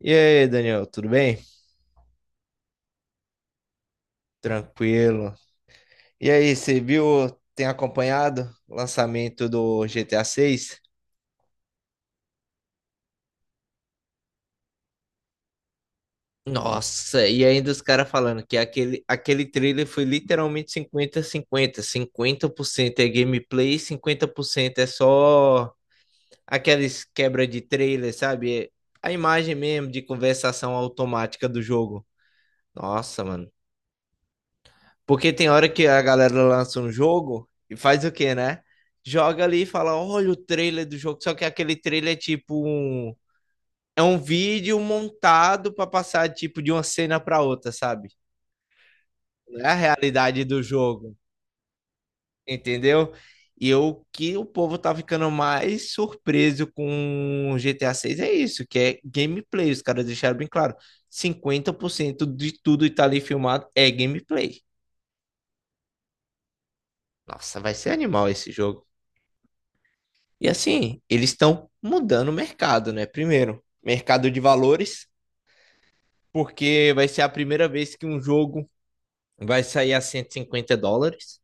E aí, Daniel, tudo bem? Tranquilo. E aí, você viu, tem acompanhado o lançamento do GTA 6? Nossa, e ainda os caras falando que aquele trailer foi literalmente cinquenta a cinquenta 50% é gameplay, 50% é só aquelas quebra de trailer, sabe? É a imagem mesmo de conversação automática do jogo. Nossa, mano. Porque tem hora que a galera lança um jogo e faz o quê, né? Joga ali e fala: olha o trailer do jogo. Só que aquele trailer é tipo um. É um vídeo montado para passar tipo de uma cena para outra, sabe? Não é a realidade do jogo, entendeu? E o que o povo tá ficando mais surpreso com o GTA 6 é isso, que é gameplay. Os caras deixaram bem claro: 50% de tudo que tá ali filmado é gameplay. Nossa, vai ser animal esse jogo. E assim, eles estão mudando o mercado, né? Primeiro, mercado de valores, porque vai ser a primeira vez que um jogo vai sair a 150 dólares,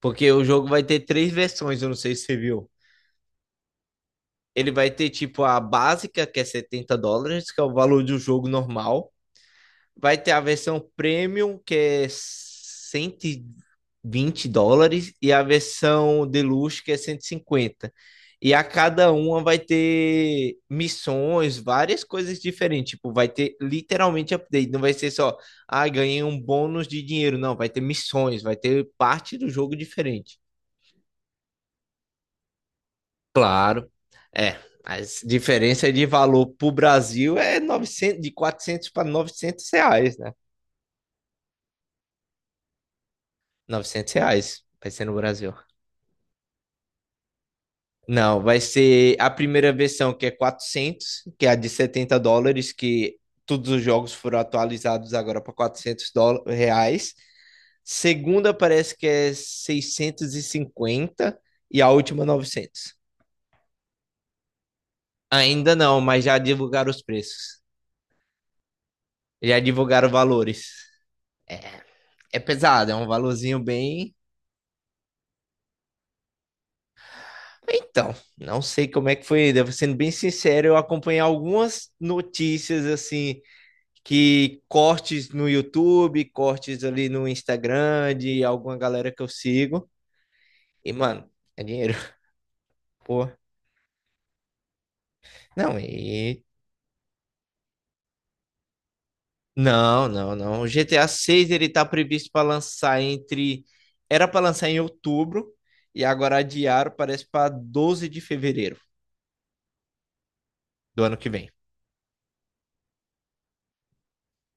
porque o jogo vai ter três versões, eu não sei se você viu. Ele vai ter tipo a básica, que é 70 dólares, que é o valor do jogo normal. Vai ter a versão premium, que é 120 dólares, e a versão deluxe, que é 150. E a cada uma vai ter missões, várias coisas diferentes. Tipo, vai ter literalmente update. Não vai ser só, ah, ganhei um bônus de dinheiro. Não, vai ter missões, vai ter parte do jogo diferente. Claro. É, a diferença de valor para o Brasil é 900, de 400 para 900 reais, né? 900 reais vai ser no Brasil. Não, vai ser a primeira versão que é 400, que é a de 70 dólares, que todos os jogos foram atualizados agora para quatrocentos reais. Segunda parece que é 650 e a última 900. Ainda não, mas já divulgaram os preços. Já divulgaram valores. É pesado, é um valorzinho bem. Então, não sei como é que foi. Devo sendo bem sincero, eu acompanhei algumas notícias assim, que cortes no YouTube, cortes ali no Instagram de alguma galera que eu sigo. E, mano, é dinheiro. Pô. Não, e. Não, não, não. O GTA 6 ele tá previsto para lançar entre. Era para lançar em outubro e agora adiaram, parece para 12 de fevereiro do ano que vem.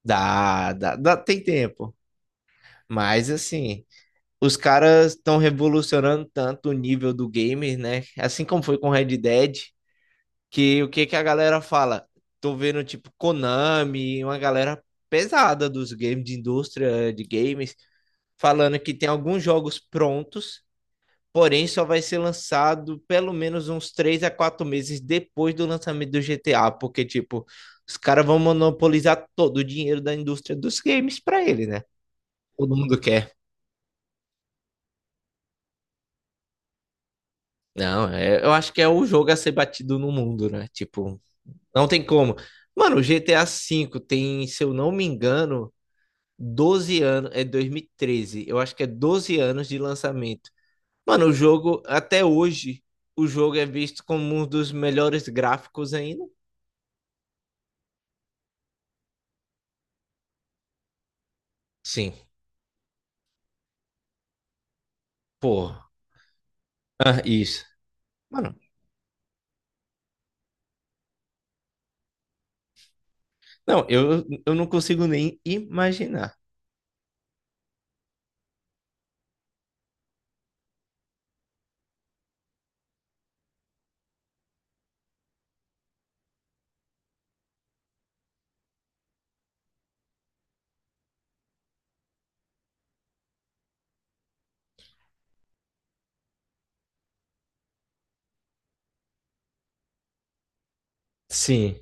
Dá, dá, dá, tem tempo. Mas assim, os caras estão revolucionando tanto o nível do game, né? Assim como foi com Red Dead. Que o que que a galera fala? Tô vendo tipo Konami, uma galera pesada dos games, de indústria de games, falando que tem alguns jogos prontos, porém só vai ser lançado pelo menos uns 3 a 4 meses depois do lançamento do GTA, porque tipo, os caras vão monopolizar todo o dinheiro da indústria dos games para ele, né? Todo mundo quer. Não, eu acho que é o jogo a ser batido no mundo, né? Tipo, não tem como. Mano, o GTA V tem, se eu não me engano, 12 anos. É 2013, eu acho, que é 12 anos de lançamento. Mano, o jogo, até hoje, o jogo é visto como um dos melhores gráficos ainda. Sim, porra. Ah, isso. Mano, não, eu não consigo nem imaginar. Sim,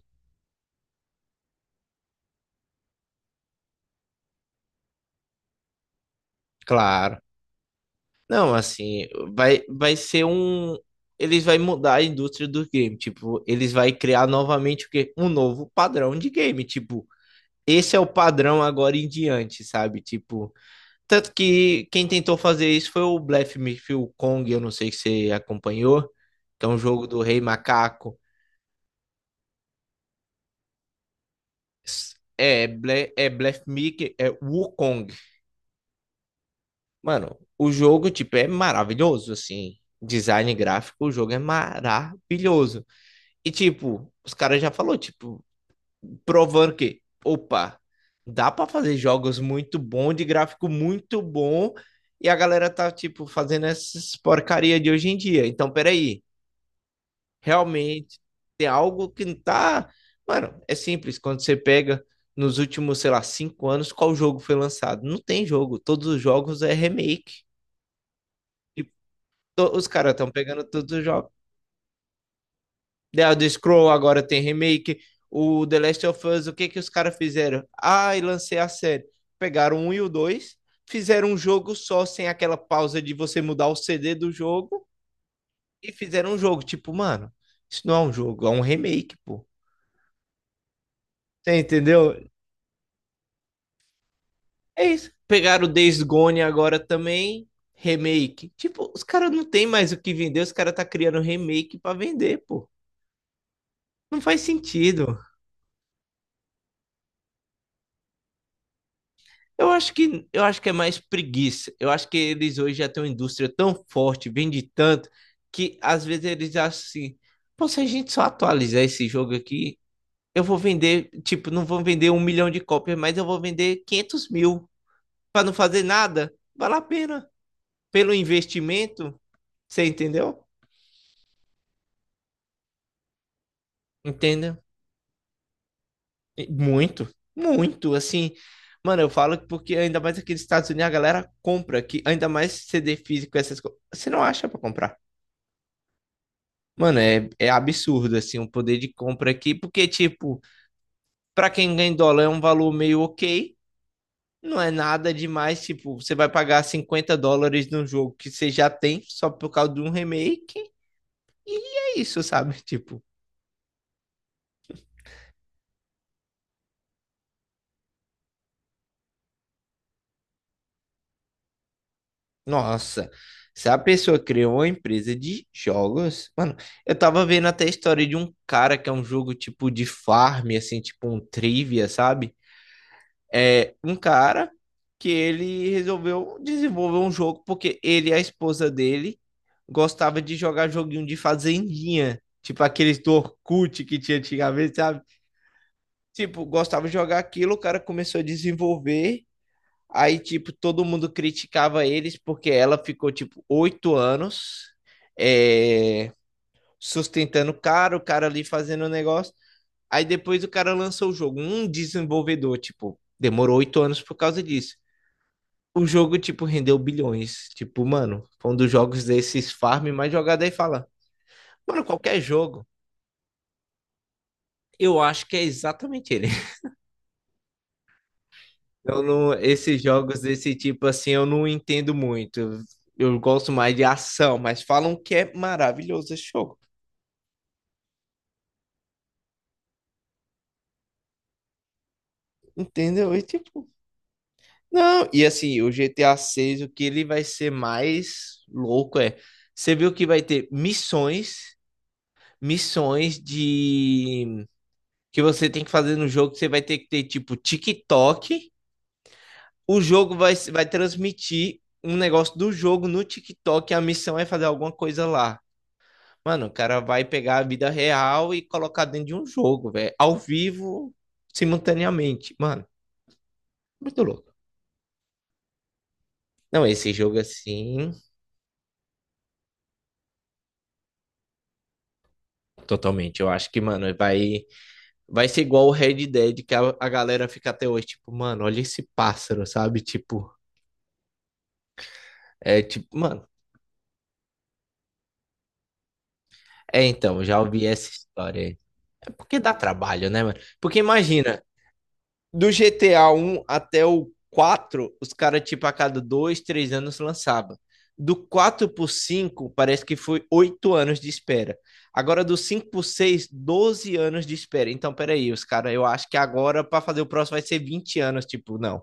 claro. Não, assim, vai ser um. Eles vai mudar a indústria do game. Tipo, eles vai criar novamente o quê? Um novo padrão de game. Tipo, esse é o padrão agora em diante, sabe? Tipo, tanto que quem tentou fazer isso foi o Blef Midfield Kong, eu não sei se você acompanhou, que é um jogo do Rei Macaco. É, Blef Mickey, é Wukong. Mano, o jogo, tipo, é maravilhoso, assim. Design gráfico, o jogo é maravilhoso. E, tipo, os caras já falou, tipo, provando que, opa, dá para fazer jogos muito bom, de gráfico muito bom, e a galera tá, tipo, fazendo essas porcaria de hoje em dia. Então, peraí. Realmente tem algo que não tá. Mano, é simples. Quando você pega nos últimos, sei lá, 5 anos, qual jogo foi lançado? Não tem jogo. Todos os jogos é remake. E os caras estão pegando todos os jogos. The Elder Scroll agora tem remake. O The Last of Us, o que que os caras fizeram? Ah, e lancei a série. Pegaram um e o dois, fizeram um jogo só, sem aquela pausa de você mudar o CD do jogo, e fizeram um jogo. Tipo, mano, isso não é um jogo, é um remake, pô. Você entendeu? É isso. Pegaram o Days Gone agora também, remake. Tipo, os caras não tem mais o que vender, os caras tá criando remake pra vender, pô. Não faz sentido. Eu acho que é mais preguiça. Eu acho que eles hoje já têm uma indústria tão forte, vende tanto, que às vezes eles acham assim, pô, se a gente só atualizar esse jogo aqui, eu vou vender, tipo, não vou vender 1 milhão de cópias, mas eu vou vender 500 mil. Pra não fazer nada, vale a pena. Pelo investimento, você entendeu? Entenda. E muito, muito, assim. Mano, eu falo que porque ainda mais aqui nos Estados Unidos a galera compra aqui, ainda mais CD físico, essas coisas. Você não acha pra comprar. Mano, é, é absurdo, assim, o poder de compra aqui, porque, tipo, pra quem ganha em dólar é um valor meio ok, não é nada demais, tipo, você vai pagar 50 dólares num jogo que você já tem só por causa de um remake, é isso, sabe? Tipo. Nossa, se a pessoa criou uma empresa de jogos, mano, eu tava vendo até a história de um cara que é um jogo tipo de farm, assim, tipo um trivia, sabe? É um cara que ele resolveu desenvolver um jogo porque ele e a esposa dele gostava de jogar joguinho de fazendinha, tipo aqueles do Orkut que tinha antigamente, sabe? Tipo, gostava de jogar aquilo, o cara começou a desenvolver. Aí, tipo, todo mundo criticava eles porque ela ficou, tipo, 8 anos, é, sustentando o cara ali fazendo o negócio. Aí depois o cara lançou o jogo. Um desenvolvedor, tipo, demorou 8 anos por causa disso. O jogo, tipo, rendeu bilhões. Tipo, mano, foi um dos jogos desses farm mais jogado aí fala. Mano, qualquer jogo. Eu acho que é exatamente ele. Eu não, esses jogos desse tipo assim eu não entendo muito. Eu gosto mais de ação, mas falam que é maravilhoso esse jogo. Entendeu? E tipo, não, e assim, o GTA 6, o que ele vai ser mais louco é, você viu que vai ter missões, missões de que você tem que fazer no jogo, que você vai ter que ter tipo TikTok, o jogo vai transmitir um negócio do jogo no TikTok, e a missão é fazer alguma coisa lá. Mano, o cara vai pegar a vida real e colocar dentro de um jogo, velho. Ao vivo, simultaneamente. Mano, muito louco. Não, esse jogo assim, totalmente. Eu acho que, mano, vai ser igual o Red Dead, que a galera fica até hoje, tipo, mano, olha esse pássaro, sabe? Tipo, é tipo, mano. É, então, já ouvi essa história aí. É porque dá trabalho, né, mano? Porque imagina, do GTA 1 até o 4, os caras, tipo, a cada dois, três anos lançava. Do 4 pro 5, parece que foi 8 anos de espera. Agora, do 5 pro 6, 12 anos de espera. Então, peraí, os caras, eu acho que agora, para fazer o próximo, vai ser 20 anos. Tipo, não.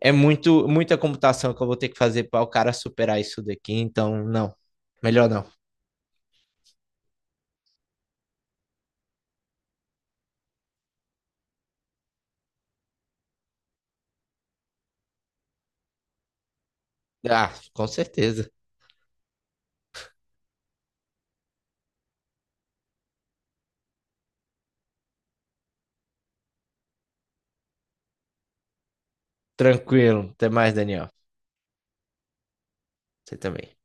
É muito, muita computação que eu vou ter que fazer para o cara superar isso daqui. Então, não. Melhor não. Ah, com certeza. Tranquilo. Até mais, Daniel. Você também.